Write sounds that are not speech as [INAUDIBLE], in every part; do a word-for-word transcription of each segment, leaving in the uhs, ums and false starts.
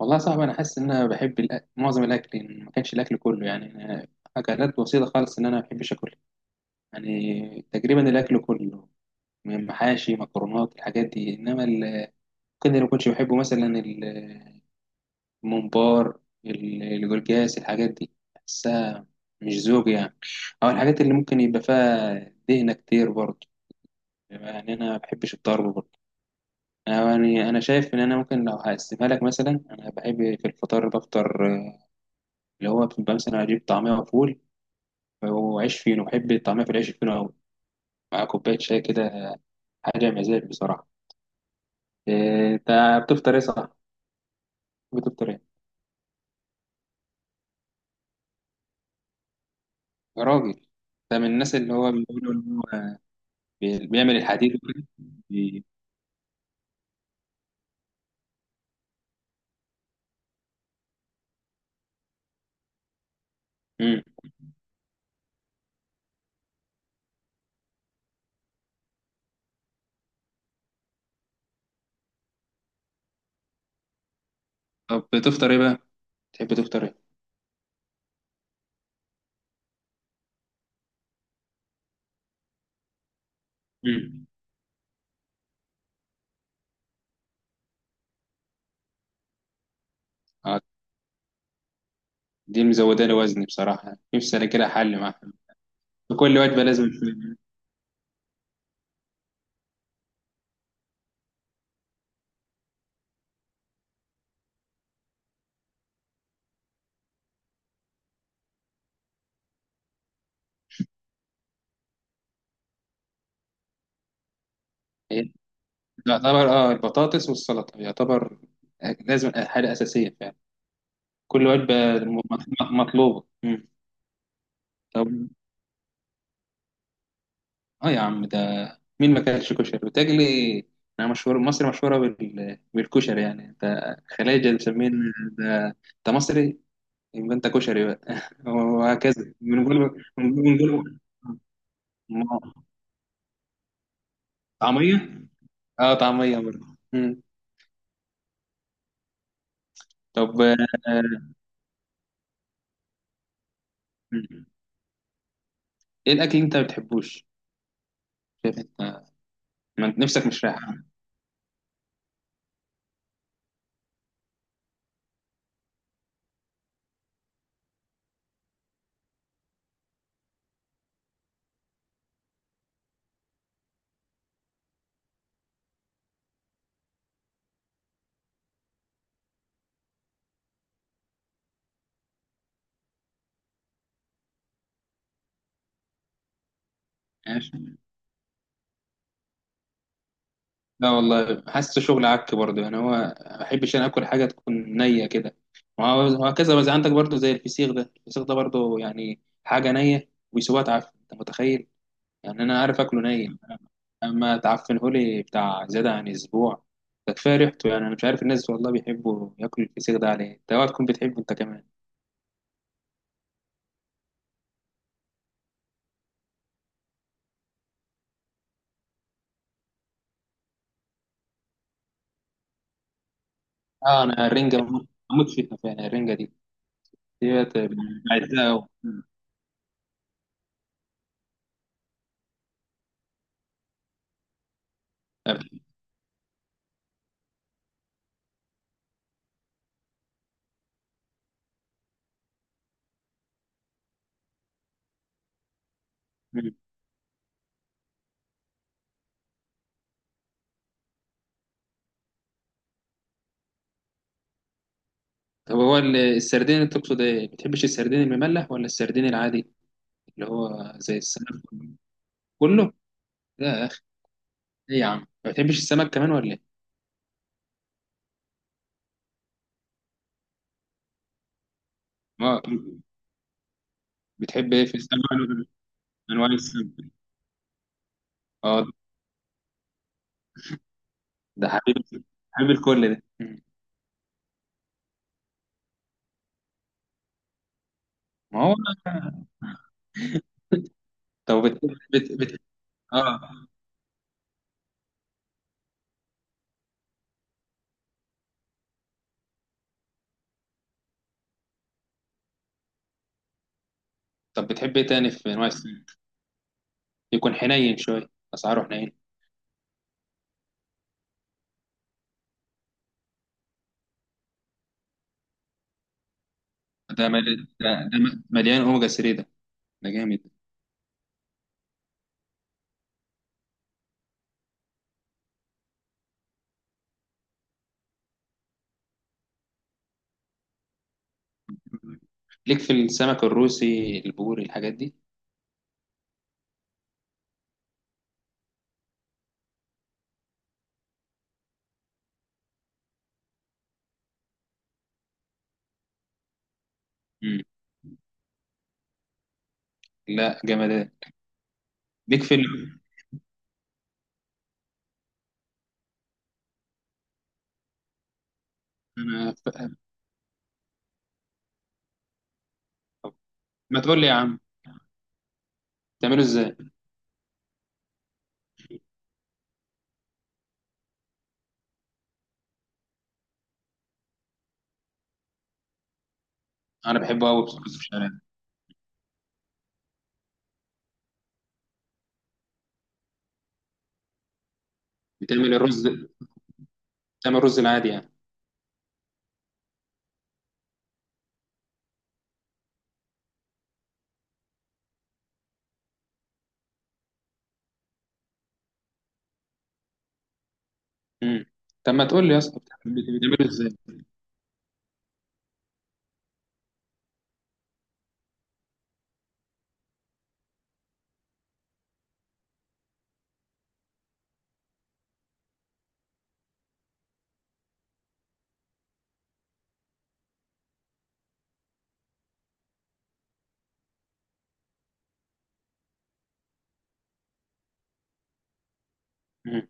والله صعب انا حاسس ان انا بحب الأ- معظم الاكل إن ما كانش الاكل كله يعني أنا. اكلات بسيطه خالص، ان انا ما بحبش اكل يعني تقريبا الاكل كله، من محاشي، مكرونات، الحاجات دي. انما ال- كده اللي ما كنتش بحبه مثلا ال- الممبار، ال- الجلجاس، الحاجات دي بحسها مش ذوق يعني. او الحاجات اللي ممكن يبقى فيها دهنه كتير برضه، يعني انا ما بحبش الضرب برضه. يعني انا شايف ان انا ممكن لو هقسمها لك مثلا، انا بحب في الفطار بفطر، اللي هو بتبقى مثلا أجيب طعمية وفول وعيش فينو. بحب الطعمية في العيش الفينو أوي مع كوباية شاي كده، حاجة مزاج بصراحة. إيه، أنت بتفطر إيه صح؟ بتفطر إيه؟ يا راجل، ده من الناس اللي هو بيقولوا إن هو بي- بيعمل الحديد وكده. بي- مم. طب بتفطر إيه بقى؟ تحب تفطر إيه؟ مم. آه، دي مزودة لي وزني بصراحة. نفسي أنا كده حل معاها، في كل وجبة لازم. إيه؟ يعتبر آه البطاطس والسلطة، يعتبر لازم حاجة أساسية فعلا كل وجبة. م- م- مطلوبة. مم. طب، اه يا عم، ده مين ما كانش كشري بتجلي؟ انا مشهور، مصر مشهورة بال... بالكشري يعني، انت خلايجة مسمين ده. انت مصري يبقى انت كشري بقى [LAUGHS] وهكذا بنقول بنقول. م- طعمية. اه طعمية برضه. مم. طب آه، آه، مم. ايه الاكل اللي انت ما بتحبوش؟ شايف انت، ما أنت نفسك مش رايحة. ماشي. لا والله، حاسه شغل عك برضه يعني، هو ما بحبش انا اكل حاجه تكون نيه كده. وهو- وهكذا. بس عندك برضه زي الفسيخ ده، الفسيخ ده برضه يعني حاجه نيه ويسيبوها تعفن، انت متخيل؟ يعني انا عارف اكله ني، اما تعفنه لي بتاع زياده عن اسبوع، ده كفايه ريحته. يعني انا مش عارف الناس والله بيحبوا ياكلوا الفسيخ ده عليه. انت اوعى تكون بتحبه انت كمان. اه، انا الرنجه بموت بموت فيها فعلا، الرنجه دي ديت بعزها أوي. طب هو ال- السردين اللي تقصد ايه؟ ما بتحبش السردين المملح ولا السردين العادي اللي هو زي السمك؟ كله؟ لا يا اخي. ايه يا عم؟ ما بتحبش السمك كمان ولا ايه؟ اه. بتحب ايه في السمك؟ أنواع- انواع السمك. اه. ده حبيب، حبيب الكل ده. مم. ما هو. طب بت... بت... بت... اه. طب، بتحب ايه تاني في انواع السمك؟ يكون حنين شويه، اسعاره حنين. ده مل... ده, ده م- مليان اوميجا ثلاثة ده، ده جامد. ليك في السمك الروسي، البوري، الحاجات دي؟ لا جمدان. بيك فيلم. انا ف- ما تقول لي يا عم، بتعمله ازاي؟ انا بحبه قوي بصوص بالشعريه. بتعمل الرز بتعمل الرز العادي يعني. امم. طب ما تقول لي يا اسطى، بتعمل- بتعمله ازاي؟ امم.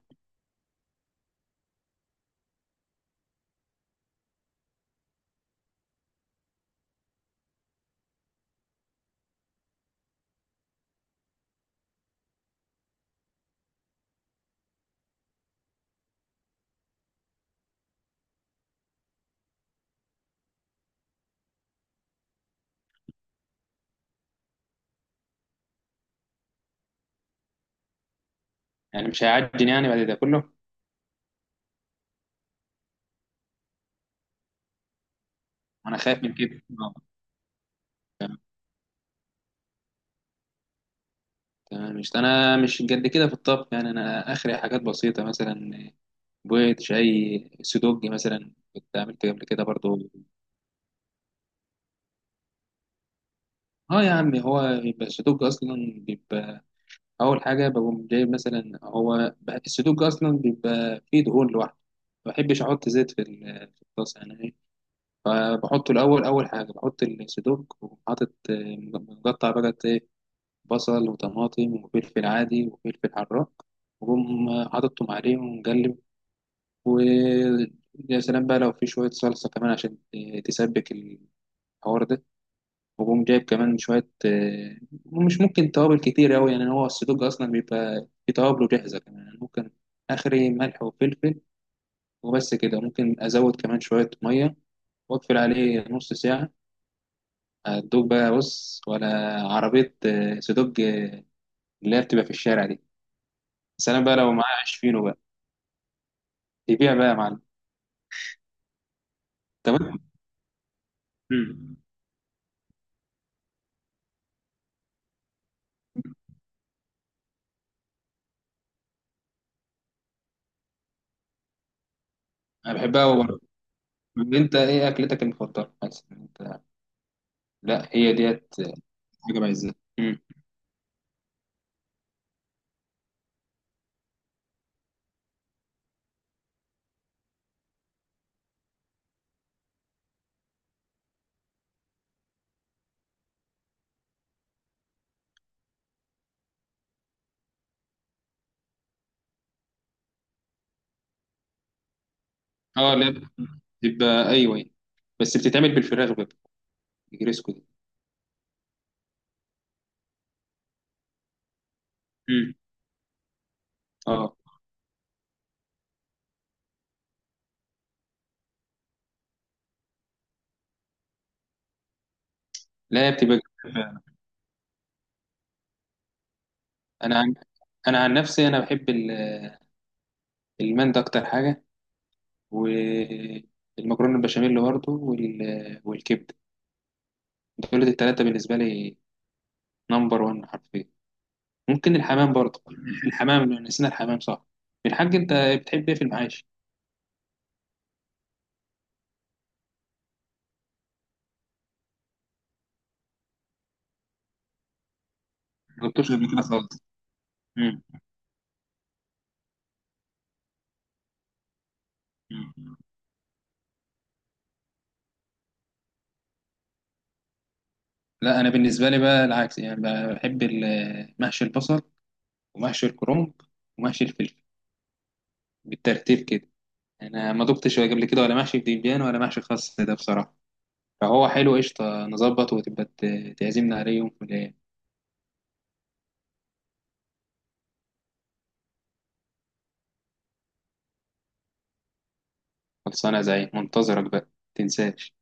يعني مش هيعجن يعني بعد ده كله؟ انا خايف من كده آه، تمام. تمام. مش انا مش قد كده في الطبخ يعني، انا اخري حاجات بسيطه مثلا، بيض، شاي، سودوج مثلا كنت عملت قبل كده برضو. اه يا عم، هو بيبقى السودوج اصلا بيبقى. اول حاجه بقوم جايب مثلا، هو بقى السدوج اصلا بيبقى فيه دهون لوحده، ما بحبش احط زيت في ال- في الطاسه يعني ايه. فبحطه الاول، اول حاجه بحط السدوج وحاطط آه، مقطع بقى إيه، بصل وطماطم وفلفل عادي وفلفل حراق، وأقوم حاططهم عليهم ومقلب. و يا سلام بقى لو في شويه صلصه كمان، عشان آه، تسبك الحوار ده، وقوم جايب كمان شوية آه، مش ممكن توابل كتير أوي يعني. هو السدوج أصلا بيبقى في توابله جاهزة كمان يعني. ممكن آخري ملح وفلفل، وبس كده. ممكن أزود كمان شوية مية وأقفل عليه نص ساعة، هتدوب بقى، بص، ولا عربية آه، سدوج آه، اللي هي بتبقى في الشارع دي. بس أنا بقى لو معايا عيش فينو بقى، يبيع بقى يا معلم. طب أنت- مم. أنا بحبها أوي برضه. طب أنت إيه أكلتك المفضلة؟ مثلا أنت. لا، هي ديت حاجة بعزها. اه لا، بتبقى ايوه، بس بتتعمل بالفراخ بقى الجريسكو دي. مم. اه لا، هي بتبقى جميلة فعلا. انا عن... انا عن نفسي انا بحب ال- المندي اكتر حاجه، والمكرونه البشاميل برضه وال... والكبده. دول الثلاثه بالنسبه لي نمبر واحد حرفيا. ممكن الحمام برضه، الحمام نسينا الحمام صح. الحاج، انت بتحب ايه في المعاش؟ ما جبتوش قبل كده خالص. مم. مم. لا، انا بالنسبه لي بقى العكس يعني، بحب ال- محشي البصل، ومحشي الكرنب، ومحشي الفلفل، بالترتيب كده. انا ما دقتش قبل كده ولا محشي بتنجان ولا محشي خاص ده بصراحه. فهو حلو، قشطه، نظبط وتبقى ت- تعزمنا عليه يوم في الايام. خلصانه، زي منتظرك بقى، تنساش.